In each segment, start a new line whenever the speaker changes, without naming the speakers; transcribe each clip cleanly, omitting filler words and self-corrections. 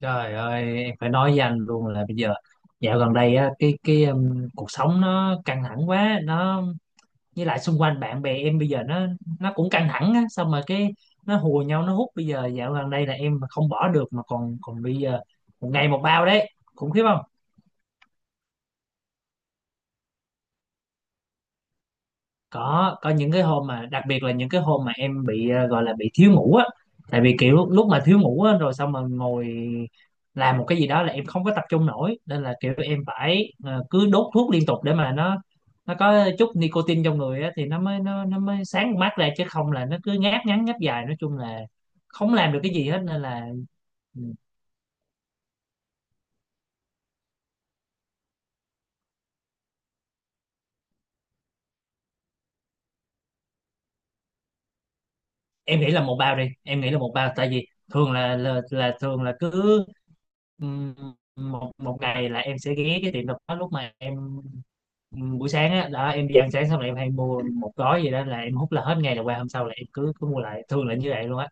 Trời ơi, em phải nói với anh luôn là bây giờ dạo gần đây á cái cuộc sống nó căng thẳng quá, nó với lại xung quanh bạn bè em bây giờ nó cũng căng thẳng á, xong rồi cái nó hùa nhau nó hút, bây giờ dạo gần đây là em mà không bỏ được mà còn còn bây giờ một ngày một bao đấy, khủng khiếp không? Có những cái hôm mà đặc biệt là những cái hôm mà em bị gọi là bị thiếu ngủ á, tại vì kiểu lúc mà thiếu ngủ á rồi xong mà ngồi làm một cái gì đó là em không có tập trung nổi, nên là kiểu em phải cứ đốt thuốc liên tục để mà nó có chút nicotine trong người á, thì nó mới sáng mắt ra, chứ không là nó cứ ngáp ngắn ngáp dài, nói chung là không làm được cái gì hết nên là ừ, em nghĩ là một bao đi, em nghĩ là một bao, tại vì thường là thường là cứ Ừm, một một ngày là em sẽ ghé cái tiệm tạp hóa lúc mà em buổi sáng á, đó em đi ăn sáng xong là em hay mua một gói gì đó là em hút, là hết ngày là qua hôm sau là em cứ cứ mua lại, thường là như vậy luôn á.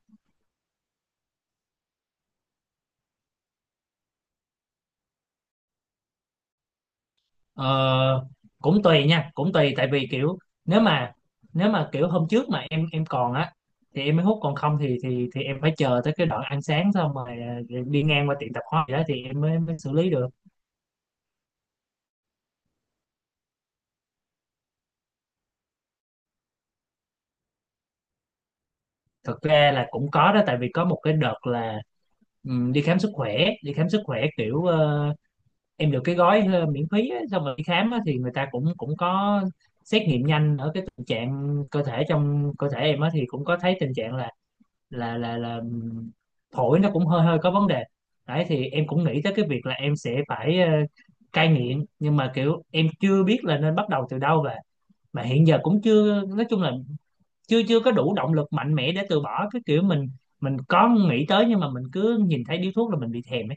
Ờ, Cũng tùy nha, cũng tùy, tại vì kiểu nếu mà nếu mà kiểu hôm trước mà em còn á thì em mới hút, còn không thì em phải chờ tới cái đoạn ăn sáng xong rồi à, đi ngang qua tiệm tạp hóa gì đó thì em mới mới xử lý được. Thực ra là cũng có đó, tại vì có một cái đợt là đi khám sức khỏe kiểu em được cái gói miễn phí á, xong rồi đi khám á, thì người ta cũng cũng có xét nghiệm nhanh ở cái tình trạng cơ thể, trong cơ thể em á, thì cũng có thấy tình trạng là phổi nó cũng hơi hơi có vấn đề đấy, thì em cũng nghĩ tới cái việc là em sẽ phải cai nghiện, nhưng mà kiểu em chưa biết là nên bắt đầu từ đâu, và mà hiện giờ cũng chưa, nói chung là chưa chưa có đủ động lực mạnh mẽ để từ bỏ, cái kiểu mình có nghĩ tới nhưng mà mình cứ nhìn thấy điếu thuốc là mình bị thèm.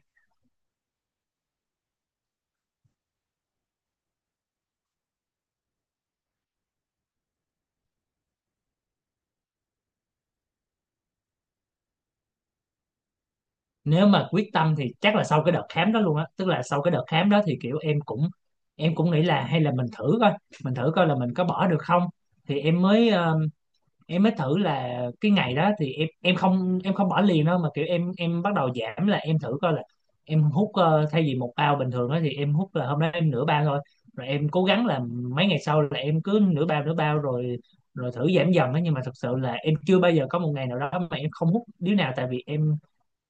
Nếu mà quyết tâm thì chắc là sau cái đợt khám đó luôn á, tức là sau cái đợt khám đó thì kiểu em cũng nghĩ là hay là mình thử coi là mình có bỏ được không, thì em mới thử là cái ngày đó thì em không bỏ liền đâu, mà kiểu em bắt đầu giảm, là em thử coi là em hút thay vì một bao bình thường đó thì em hút là hôm nay em nửa bao thôi, rồi em cố gắng là mấy ngày sau là em cứ nửa bao nửa bao, rồi rồi thử giảm dần á. Nhưng mà thật sự là em chưa bao giờ có một ngày nào đó mà em không hút điếu nào, tại vì em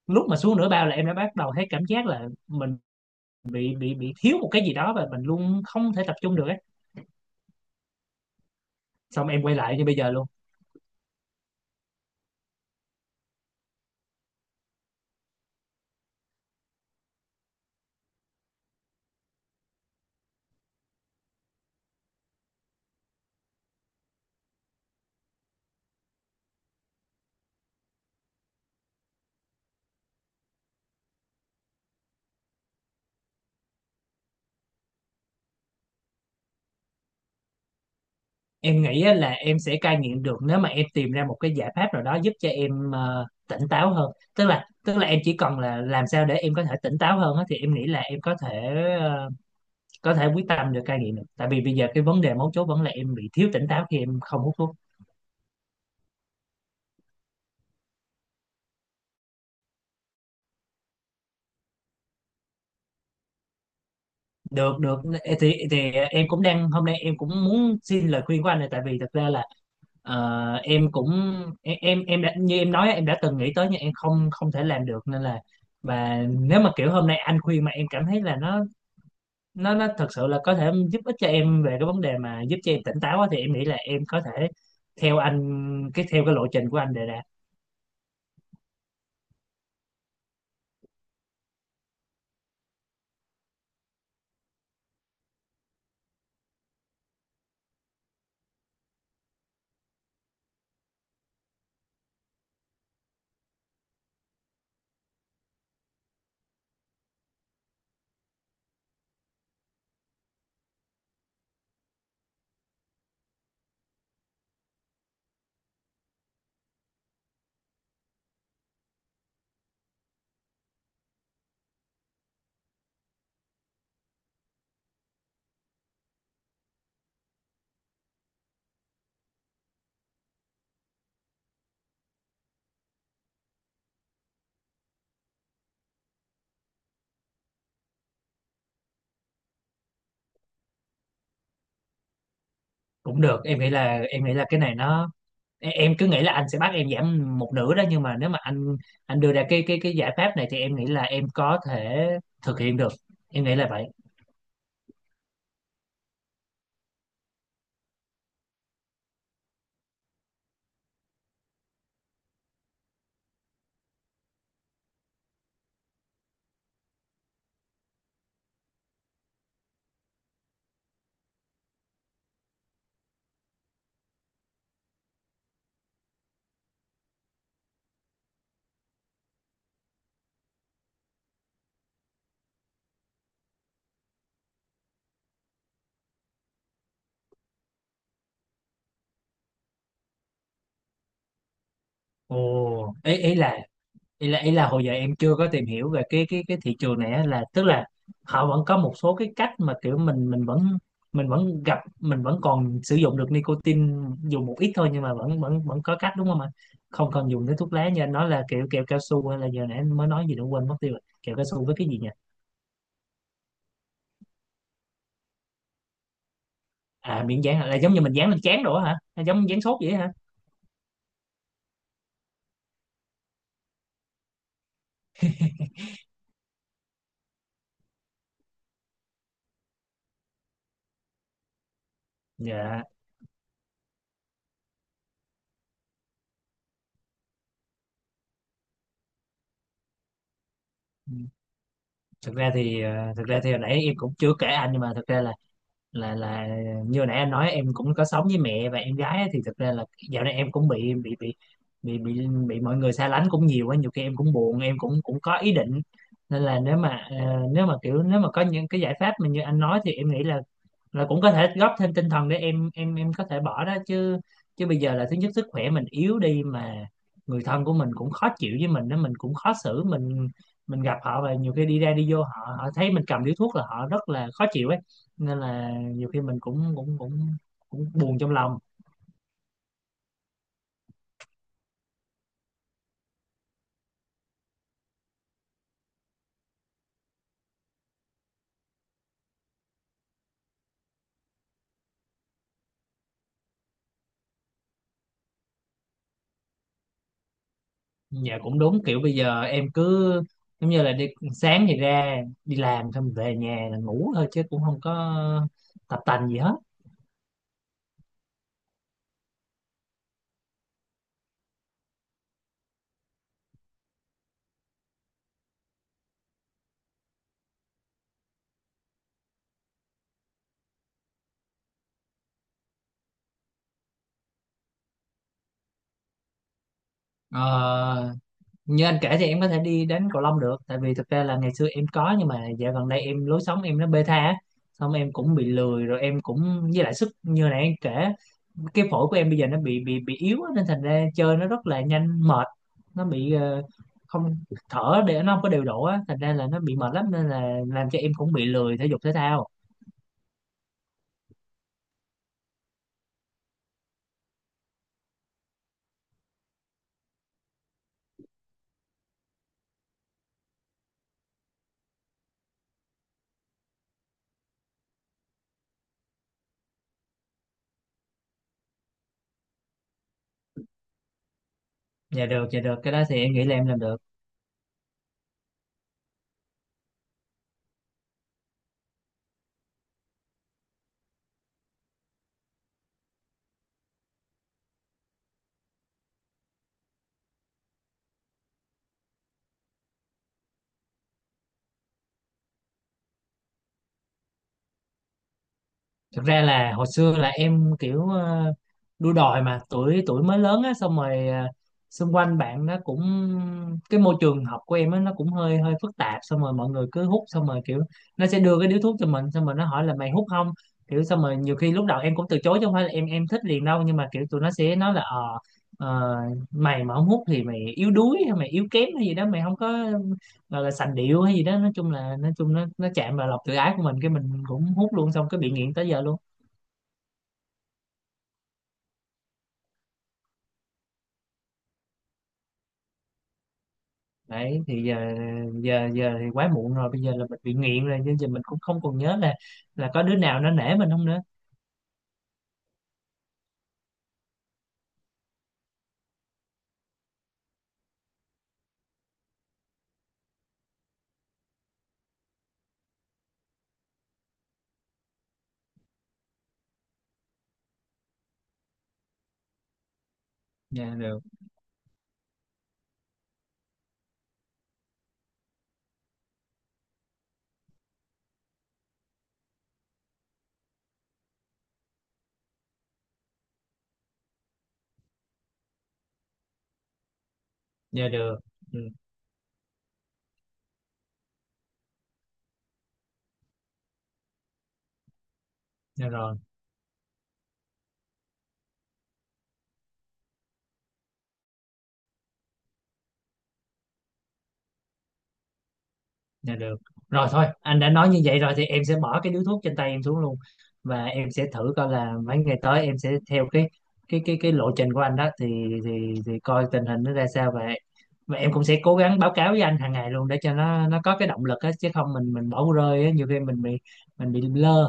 lúc mà xuống nửa bao là em đã bắt đầu thấy cảm giác là mình bị thiếu một cái gì đó và mình luôn không thể tập trung được ấy. Xong em quay lại như bây giờ luôn. Em nghĩ á, là em sẽ cai nghiện được nếu mà em tìm ra một cái giải pháp nào đó giúp cho em tỉnh táo hơn. Tức là em chỉ cần là làm sao để em có thể tỉnh táo hơn á, thì em nghĩ là em ờ, có thể quyết tâm được, cai nghiện được. Tại vì bây giờ cái vấn đề mấu chốt vẫn là em bị thiếu tỉnh táo khi em không hút thuốc. Được được, thì em cũng đang, hôm nay em cũng muốn xin lời khuyên của anh này, tại vì thật ra là em cũng em đã, như em nói á, em đã từng nghĩ tới nhưng em không không thể làm được nên là, và nếu mà kiểu hôm nay anh khuyên mà em cảm thấy là nó thật sự là có thể giúp ích cho em về cái vấn đề mà giúp cho em tỉnh táo á, thì em nghĩ là em có thể theo anh theo cái lộ trình của anh đề ra. Cũng được, em nghĩ là cái này nó, em cứ nghĩ là anh sẽ bắt em giảm một nửa đó, nhưng mà nếu mà anh đưa ra cái giải pháp này thì em nghĩ là em có thể thực hiện được, em nghĩ là vậy. Ồ, ý ý là ý là ý là hồi giờ em chưa có tìm hiểu về cái thị trường này á, là tức là họ vẫn có một số cái cách mà kiểu mình vẫn còn sử dụng được nicotine, dùng một ít thôi, nhưng mà vẫn vẫn vẫn có cách, đúng không ạ? Không cần dùng tới thuốc lá, như anh nói là kiểu kẹo cao su, hay là giờ nãy anh mới nói gì nữa, quên mất tiêu rồi, kẹo cao su với cái gì nhỉ? À, miếng dán hả? Là giống như mình dán lên trán đồ á hả? Hay giống dán sốt vậy hả? Dạ, thực ra thì hồi nãy em cũng chưa kể anh, nhưng mà thực ra là như nãy em nói em cũng có sống với mẹ và em gái á, thì thực ra là dạo này em cũng bị mọi người xa lánh cũng nhiều á, nhiều khi em cũng buồn, em cũng cũng có ý định. Nên là nếu mà có những cái giải pháp mà như anh nói thì em nghĩ là rồi cũng có thể góp thêm tinh thần để em có thể bỏ đó chứ. Chứ bây giờ là thứ nhất sức khỏe mình yếu đi, mà người thân của mình cũng khó chịu với mình đó, mình cũng khó xử, mình gặp họ, và nhiều khi đi ra đi vô, họ họ thấy mình cầm điếu thuốc là họ rất là khó chịu ấy, nên là nhiều khi mình cũng cũng cũng cũng buồn trong lòng. Dạ, cũng đúng, kiểu bây giờ em cứ giống như là đi, sáng thì ra đi làm, xong về nhà là ngủ thôi chứ cũng không có tập tành gì hết. Ờ, Như anh kể thì em có thể đi đến Cầu Long được, tại vì thực ra là ngày xưa em có, nhưng mà dạo gần đây em lối sống em nó bê tha á. Xong em cũng bị lười rồi, em cũng, với lại sức như này em kể, cái phổi của em bây giờ nó bị yếu á, nên thành ra chơi nó rất là nhanh mệt, nó bị không thở, để nó không có điều độ á, thành ra là nó bị mệt lắm nên là làm cho em cũng bị lười thể dục thể thao. Dạ được, dạ được, cái đó thì em nghĩ là em làm được. Thực ra là hồi xưa là em kiểu đua đòi mà tuổi tuổi mới lớn á, xong rồi xung quanh bạn nó cũng, cái môi trường học của em á nó cũng hơi hơi phức tạp, xong rồi mọi người cứ hút, xong rồi kiểu nó sẽ đưa cái điếu thuốc cho mình, xong rồi nó hỏi là mày hút không, kiểu xong rồi nhiều khi lúc đầu em cũng từ chối chứ không phải là em thích liền đâu, nhưng mà kiểu tụi nó sẽ nói là ờ, mày mà không hút thì mày yếu đuối hay mày yếu kém hay gì đó, mày không có gọi là sành điệu hay gì đó, nói chung nó chạm vào lòng tự ái của mình, cái mình cũng hút luôn, xong cái bị nghiện tới giờ luôn. Đấy thì giờ giờ giờ thì quá muộn rồi, bây giờ là mình bị nghiện rồi nên giờ mình cũng không còn nhớ là có đứa nào nó nể mình không nữa. Dạ được, dạ được, ừ, dạ rồi, dạ được rồi. Thôi anh đã nói như vậy rồi thì em sẽ bỏ cái điếu thuốc trên tay em xuống luôn, và em sẽ thử coi là mấy ngày tới em sẽ theo cái lộ trình của anh đó, thì thì coi tình hình nó ra sao, và em cũng sẽ cố gắng báo cáo với anh hàng ngày luôn để cho nó có cái động lực á, chứ không mình bỏ rơi á, nhiều khi mình bị lơ.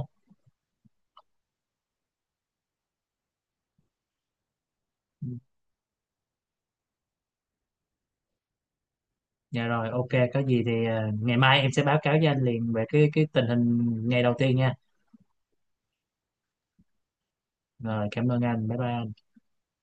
Dạ rồi, ok, có gì thì ngày mai em sẽ báo cáo với anh liền về cái tình hình ngày đầu tiên nha. Rồi, cảm ơn anh. Bye bye.